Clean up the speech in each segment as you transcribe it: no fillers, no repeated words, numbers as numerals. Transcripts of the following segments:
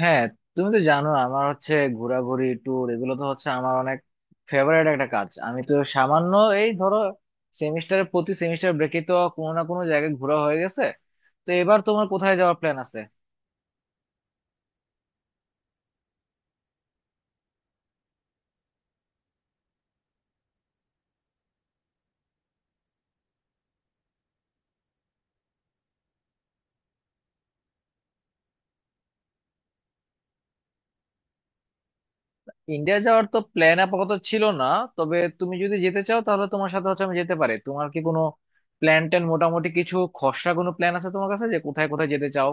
হ্যাঁ, তুমি তো জানো আমার হচ্ছে ঘোরাঘুরি, ট্যুর, এগুলো তো হচ্ছে আমার অনেক ফেভারিট একটা কাজ। আমি তো সামান্য এই ধরো সেমিস্টারের প্রতি সেমিস্টার ব্রেকে তো কোনো না কোনো জায়গায় ঘোরা হয়ে গেছে। তো এবার তোমার কোথায় যাওয়ার প্ল্যান আছে? ইন্ডিয়া যাওয়ার তো প্ল্যান আপাতত ছিল না, তবে তুমি যদি যেতে চাও তাহলে তোমার সাথে হচ্ছে আমি যেতে পারি। তোমার কি কোনো প্ল্যান ট্যান, মোটামুটি কিছু খসড়া কোনো প্ল্যান আছে তোমার কাছে যে কোথায় কোথায় যেতে চাও?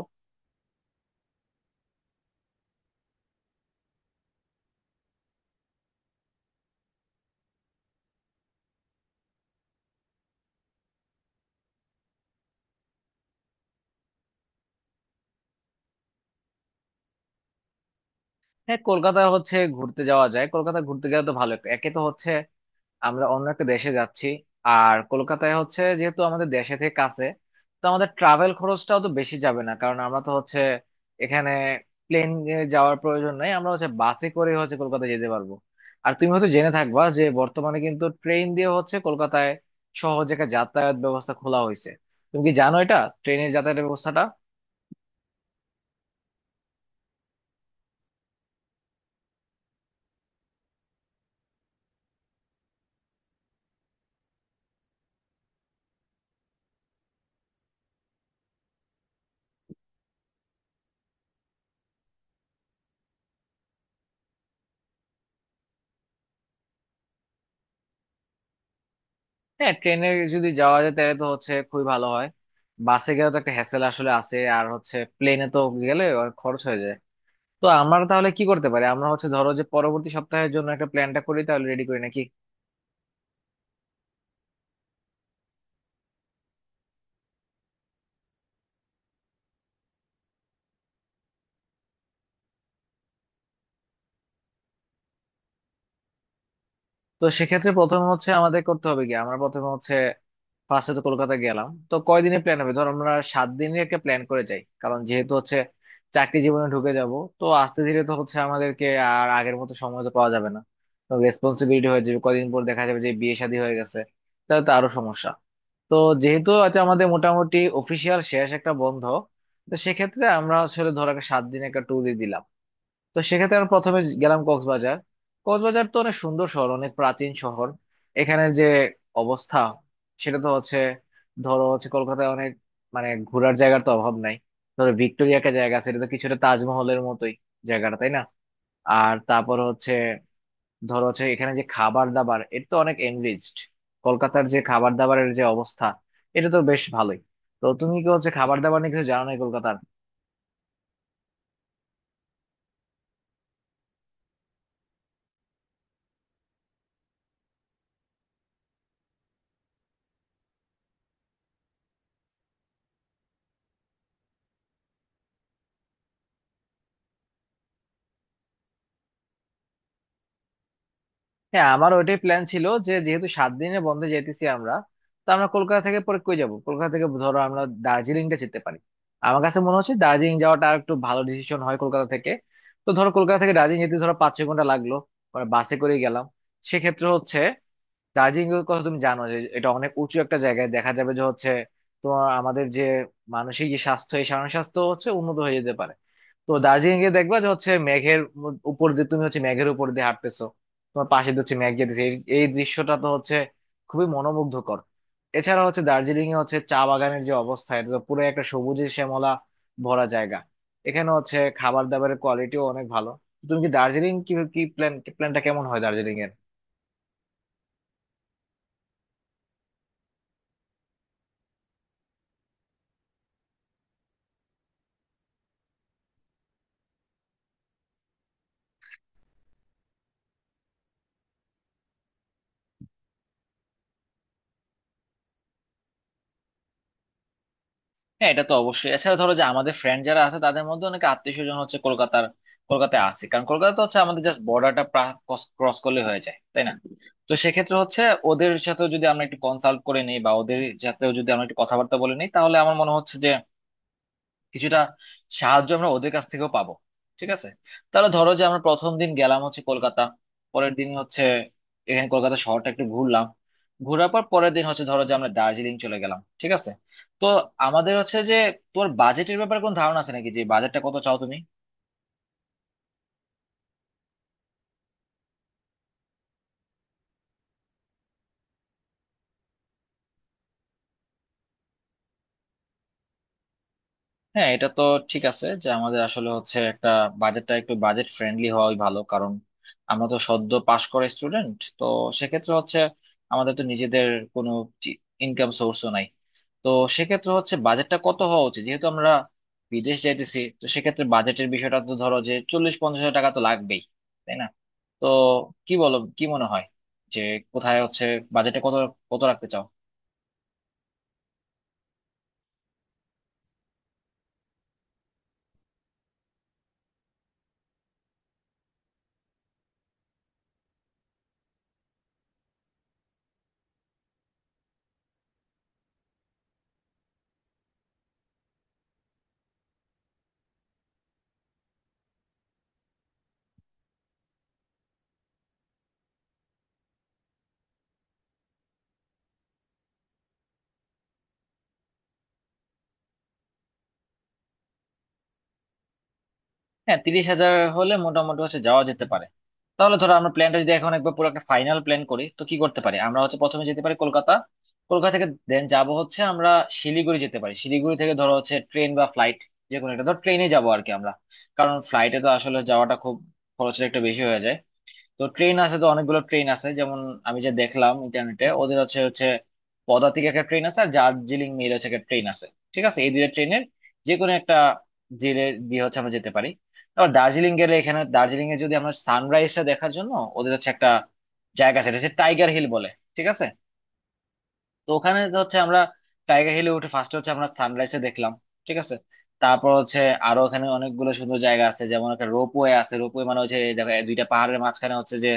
হ্যাঁ, কলকাতা হচ্ছে ঘুরতে যাওয়া যায়, কলকাতা ঘুরতে গেলে তো ভালো। একে তো হচ্ছে আমরা অন্য একটা দেশে যাচ্ছি, আর কলকাতায় হচ্ছে যেহেতু আমাদের দেশে থেকে কাছে, তো আমাদের ট্রাভেল খরচটাও তো বেশি যাবে না, কারণ আমরা তো হচ্ছে এখানে প্লেনে যাওয়ার প্রয়োজন নেই, আমরা হচ্ছে বাসে করে হচ্ছে কলকাতা যেতে পারবো। আর তুমি হয়তো জেনে থাকবা যে বর্তমানে কিন্তু ট্রেন দিয়ে হচ্ছে কলকাতায় সহজ একটা যাতায়াত ব্যবস্থা খোলা হয়েছে। তুমি কি জানো এটা, ট্রেনের যাতায়াত ব্যবস্থাটা? হ্যাঁ, ট্রেনে যদি যাওয়া যায় তাহলে তো হচ্ছে খুবই ভালো হয়। বাসে গেলে তো একটা হ্যাসেল আসলে আছে, আর হচ্ছে প্লেনে তো গেলে অনেক খরচ হয়ে যায়। তো আমরা তাহলে কি করতে পারি, আমরা হচ্ছে ধরো যে পরবর্তী সপ্তাহের জন্য একটা প্ল্যানটা করি, তাহলে রেডি করি নাকি? তো সেক্ষেত্রে প্রথমে হচ্ছে আমাদের করতে হবে কি, আমরা প্রথমে হচ্ছে ফার্স্টে তো কলকাতা গেলাম, তো কয়দিনের প্ল্যান হবে? ধর আমরা 7 দিনের একটা প্ল্যান করে যাই, কারণ যেহেতু হচ্ছে চাকরি জীবনে ঢুকে যাব, তো আস্তে ধীরে তো হচ্ছে আমাদেরকে আর আগের মতো সময় তো পাওয়া যাবে না, তো রেসপন্সিবিলিটি হয়ে যাবে, কয়দিন পর দেখা যাবে যে বিয়ে শাদী হয়ে গেছে, তাহলে তো আরো সমস্যা। তো যেহেতু আজ আমাদের মোটামুটি অফিসিয়াল শেষ একটা বন্ধ, তো সেক্ষেত্রে আমরা আসলে ধর একটা 7 দিন একটা ট্যুরই দিলাম। তো সেক্ষেত্রে আমরা প্রথমে গেলাম কক্সবাজার। কক্সবাজার তো অনেক সুন্দর শহর, অনেক প্রাচীন শহর। এখানে যে অবস্থা, সেটা তো হচ্ছে ধরো হচ্ছে কলকাতায় অনেক, মানে ঘোরার জায়গার তো অভাব নাই। ধরো ভিক্টোরিয়া একটা জায়গা আছে, এটা তো কিছুটা তাজমহলের মতোই জায়গাটা, তাই না? আর তারপর হচ্ছে ধরো হচ্ছে এখানে যে খাবার দাবার, এটা তো অনেক এনরিচড। কলকাতার যে খাবার দাবারের যে অবস্থা, এটা তো বেশ ভালোই। তো তুমি কি হচ্ছে খাবার দাবার নিয়ে কিছু জানো না কলকাতার? হ্যাঁ, আমার ওইটাই প্ল্যান ছিল যে যেহেতু 7 দিনের বন্ধে যেতেছি আমরা, তো আমরা কলকাতা থেকে পরে কই যাবো? কলকাতা থেকে ধরো আমরা দার্জিলিংটা যেতে পারি। আমার কাছে মনে হচ্ছে দার্জিলিং যাওয়াটা আর একটু ভালো ডিসিশন হয় কলকাতা থেকে। তো ধরো কলকাতা থেকে দার্জিলিং যেতে ধরো 5-6 ঘন্টা লাগলো, মানে বাসে করে গেলাম। সেক্ষেত্রে হচ্ছে দার্জিলিং এর কথা তুমি জানো যে এটা অনেক উঁচু একটা জায়গায়, দেখা যাবে যে হচ্ছে তোমার আমাদের যে মানসিক যে স্বাস্থ্য, এই মানসিক স্বাস্থ্য হচ্ছে উন্নত হয়ে যেতে পারে। তো দার্জিলিং এ দেখবা যে হচ্ছে মেঘের উপর দিয়ে তুমি হচ্ছে মেঘের উপর দিয়ে হাঁটতেছো, তোমার পাশে দিয়ে হচ্ছে মেঘ যেতেছে, এই এই দৃশ্যটা তো হচ্ছে খুবই মনোমুগ্ধকর। এছাড়া হচ্ছে দার্জিলিং এ হচ্ছে চা বাগানের যে অবস্থা, এটা তো পুরো একটা সবুজে শ্যামলা ভরা জায়গা। এখানে হচ্ছে খাবার দাবারের কোয়ালিটিও অনেক ভালো। তুমি কি দার্জিলিং কি কি প্ল্যান, প্ল্যানটা কেমন হয় দার্জিলিং এর? হ্যাঁ, এটা তো অবশ্যই। এছাড়া ধরো যে আমাদের ফ্রেন্ড যারা আছে তাদের মধ্যে অনেকে আত্মীয় স্বজন হচ্ছে কলকাতার, কলকাতায় আছে, কারণ কলকাতা তো হচ্ছে আমাদের জাস্ট বর্ডারটা ক্রস করলে হয়ে যায়, তাই না? তো সেক্ষেত্রে হচ্ছে ওদের সাথে যদি আমরা একটু কনসাল্ট করে নিই বা ওদের সাথেও যদি আমরা একটু কথাবার্তা বলে নিই তাহলে আমার মনে হচ্ছে যে কিছুটা সাহায্য আমরা ওদের কাছ থেকেও পাবো। ঠিক আছে, তাহলে ধরো যে আমরা প্রথম দিন গেলাম হচ্ছে কলকাতা, পরের দিন হচ্ছে এখানে কলকাতা শহরটা একটু ঘুরলাম, ঘোরার পর পরের দিন হচ্ছে ধরো যে আমরা দার্জিলিং চলে গেলাম, ঠিক আছে? তো আমাদের হচ্ছে যে তোর বাজেটের ব্যাপারে কোনো ধারণা আছে নাকি, যে বাজেটটা কত চাও তুমি? হ্যাঁ, এটা তো ঠিক আছে যে আমাদের আসলে হচ্ছে একটা বাজেটটা একটু বাজেট ফ্রেন্ডলি হওয়াই ভালো, কারণ আমরা তো সদ্য পাশ করা স্টুডেন্ট, তো সেক্ষেত্রে হচ্ছে আমাদের তো নিজেদের কোনো ইনকাম সোর্সও নাই। তো সেক্ষেত্রে হচ্ছে বাজেটটা কত হওয়া উচিত, যেহেতু আমরা বিদেশ যাইতেছি, তো সেক্ষেত্রে বাজেটের বিষয়টা তো ধরো যে 40-50 হাজার টাকা তো লাগবেই, তাই না? তো কি বলো, কি মনে হয়, যে কোথায় হচ্ছে বাজেটটা কত কত রাখতে চাও? হ্যাঁ, 30 হাজার হলে মোটামুটি হচ্ছে যাওয়া যেতে পারে। তাহলে ধরো আমরা প্ল্যানটা যদি এখন একবার পুরো একটা ফাইনাল প্ল্যান করি, তো কি করতে পারি, আমরা হচ্ছে প্রথমে যেতে পারি কলকাতা, কলকাতা থেকে দেন যাব হচ্ছে আমরা শিলিগুড়ি, যেতে পারি শিলিগুড়ি থেকে ধরো হচ্ছে ট্রেন বা ফ্লাইট যে কোনো একটা, ধর ট্রেনে যাবো আর কি আমরা, কারণ ফ্লাইটে তো আসলে যাওয়াটা খুব, খরচটা একটু বেশি হয়ে যায়। তো ট্রেন আছে, তো অনেকগুলো ট্রেন আছে, যেমন আমি যে দেখলাম ইন্টারনেটে ওদের হচ্ছে হচ্ছে পদাতিক একটা ট্রেন আছে আর দার্জিলিং মেল হচ্ছে একটা ট্রেন আছে। ঠিক আছে, এই দুইটা ট্রেনের যে কোনো একটা জেলে দিয়ে হচ্ছে আমরা যেতে পারি। আবার দার্জিলিং গেলে, এখানে দার্জিলিং এ যদি আমরা সানরাইজটা দেখার জন্য ওদের হচ্ছে একটা জায়গা আছে, এটা হচ্ছে টাইগার হিল বলে, ঠিক আছে? তো ওখানে তো হচ্ছে আমরা টাইগার হিলে উঠে ফার্স্টে হচ্ছে আমরা সানরাইজটা দেখলাম, ঠিক আছে? তারপর হচ্ছে আরো ওখানে অনেকগুলো সুন্দর জায়গা আছে, যেমন একটা রোপওয়ে আছে, রোপওয়ে মানে হচ্ছে এই দেখো এই দুইটা পাহাড়ের মাঝখানে হচ্ছে যে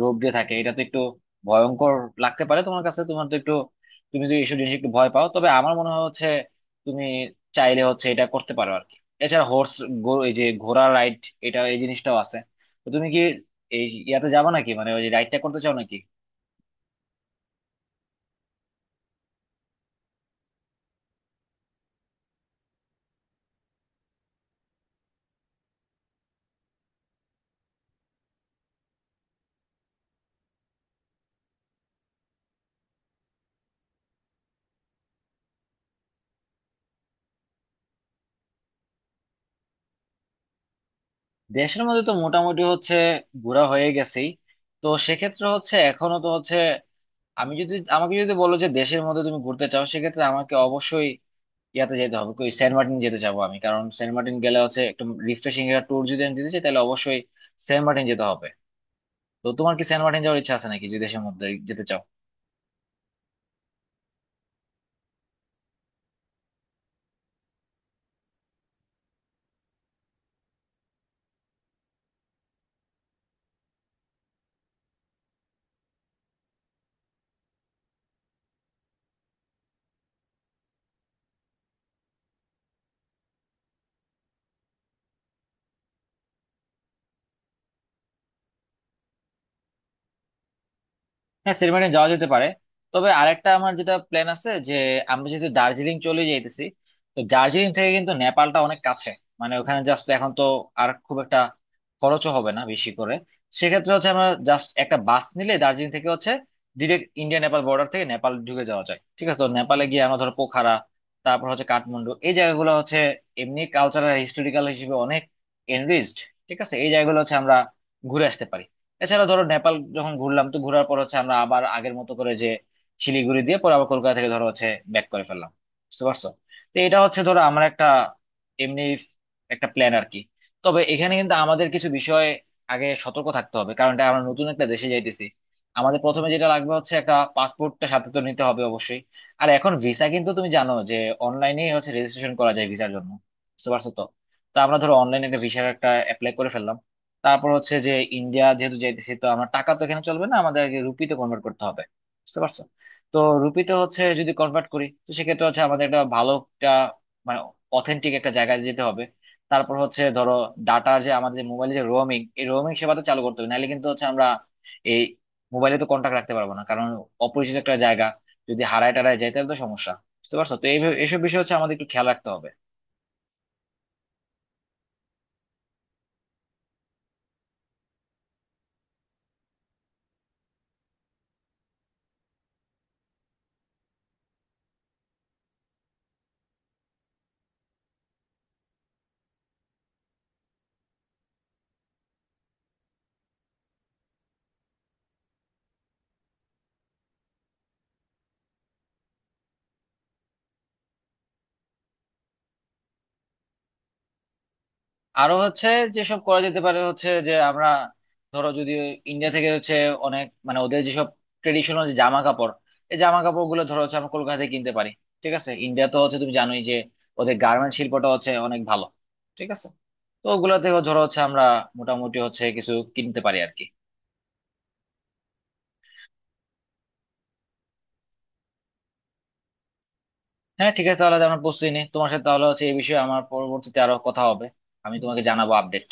রোপ দিয়ে থাকে, এটা তো একটু ভয়ঙ্কর লাগতে পারে তোমার কাছে, তোমার তো একটু, তুমি যদি এইসব জিনিস একটু ভয় পাও, তবে আমার মনে হয় হচ্ছে তুমি চাইলে হচ্ছে এটা করতে পারো আর কি। এছাড়া হোর্স, এই যে ঘোড়া রাইড, এটা এই জিনিসটাও আছে। তো তুমি কি এই ইয়াতে যাবো নাকি, মানে ওই রাইডটা করতে চাও নাকি? দেশের মধ্যে তো মোটামুটি হচ্ছে ঘোরা হয়ে গেছেই, তো সেক্ষেত্রে হচ্ছে এখনো তো হচ্ছে আমি যদি, আমাকে যদি বলো যে দেশের মধ্যে তুমি ঘুরতে চাও সেক্ষেত্রে আমাকে অবশ্যই ইয়াতে যেতে হবে, ওই সেন্ট মার্টিন যেতে চাবো আমি, কারণ সেন্ট মার্টিন গেলে হচ্ছে একটু রিফ্রেশিং একটা ট্যুর যদি আমি দিতে চাই তাহলে অবশ্যই সেন্ট মার্টিন যেতে হবে। তো তোমার কি সেন্ট মার্টিন যাওয়ার ইচ্ছা আছে নাকি, যদি দেশের মধ্যে যেতে চাও? হ্যাঁ, সেলিব্রেশন যাওয়া যেতে পারে। তবে আরেকটা আমার যেটা প্ল্যান আছে যে আমরা যেহেতু দার্জিলিং চলে যাইতেছি, তো দার্জিলিং থেকে কিন্তু নেপালটা অনেক কাছে, মানে ওখানে জাস্ট এখন তো আর খুব একটা খরচও হবে না বেশি করে। সেক্ষেত্রে হচ্ছে আমরা জাস্ট একটা বাস নিলে দার্জিলিং থেকে হচ্ছে ডিরেক্ট ইন্ডিয়া নেপাল বর্ডার থেকে নেপাল ঢুকে যাওয়া যায়, ঠিক আছে? তো নেপালে গিয়ে আমরা ধরো পোখারা, তারপর হচ্ছে কাঠমান্ডু, এই জায়গাগুলো হচ্ছে এমনি কালচারাল, হিস্টোরিক্যাল হিসেবে অনেক এনরিচড, ঠিক আছে? এই জায়গাগুলো হচ্ছে আমরা ঘুরে আসতে পারি। এছাড়া ধরো নেপাল যখন ঘুরলাম, তো ঘোরার পর হচ্ছে আমরা আবার আগের মতো করে যে শিলিগুড়ি দিয়ে পরে আবার কলকাতা থেকে ধরো হচ্ছে ব্যাক করে ফেললাম, বুঝতে পারছো? তো এটা হচ্ছে ধরো আমার একটা এমনি একটা প্ল্যান আর কি। তবে এখানে কিন্তু আমাদের কিছু বিষয় আগে সতর্ক থাকতে হবে, কারণ এটা আমরা নতুন একটা দেশে যাইতেছি। আমাদের প্রথমে যেটা লাগবে হচ্ছে একটা পাসপোর্টটা সাথে তো নিতে হবে অবশ্যই। আর এখন ভিসা কিন্তু তুমি জানো যে অনলাইনে হচ্ছে রেজিস্ট্রেশন করা যায় ভিসার জন্য, বুঝতে পারছো তো? তো আমরা ধরো অনলাইনে একটা ভিসার একটা অ্যাপ্লাই করে ফেললাম। তারপর হচ্ছে যে ইন্ডিয়া যেহেতু যাইতেছি, তো আমার টাকা তো এখানে চলবে না, আমাদের আগে রুপিতে কনভার্ট করতে হবে, বুঝতে পারছো? তো রুপিতে হচ্ছে যদি কনভার্ট করি, তো সেক্ষেত্রে হচ্ছে আমাদের একটা ভালো একটা, মানে অথেন্টিক একটা জায়গায় যেতে হবে। তারপর হচ্ছে ধরো ডাটা যে আমাদের যে মোবাইলে যে রোমিং, এই রোমিং সেবাটা চালু করতে হবে, নাহলে কিন্তু হচ্ছে আমরা এই মোবাইলে তো কন্টাক্ট রাখতে পারবো না, কারণ অপরিচিত একটা জায়গা, যদি হারায় টারায় যায় তাহলে তো সমস্যা, বুঝতে পারছো তো? এই এসব বিষয় হচ্ছে আমাদের একটু খেয়াল রাখতে হবে। আরো হচ্ছে যেসব করা যেতে পারে হচ্ছে যে আমরা ধরো যদি ইন্ডিয়া থেকে হচ্ছে অনেক, মানে ওদের যেসব ট্রেডিশনাল যে জামা কাপড়, এই জামা কাপড় গুলো ধরো হচ্ছে আমরা কলকাতা থেকে কিনতে পারি। ঠিক আছে, ইন্ডিয়া তো হচ্ছে তুমি জানোই যে ওদের গার্মেন্ট শিল্পটা হচ্ছে অনেক ভালো, ঠিক আছে? তো ওগুলা থেকে ধরো হচ্ছে আমরা মোটামুটি হচ্ছে কিছু কিনতে পারি আর কি। হ্যাঁ, ঠিক আছে, তাহলে আজ আমরা প্রস্তুতি নিই তোমার সাথে, তাহলে হচ্ছে এই বিষয়ে আমার পরবর্তীতে আরো কথা হবে, আমি তোমাকে জানাবো আপডেট।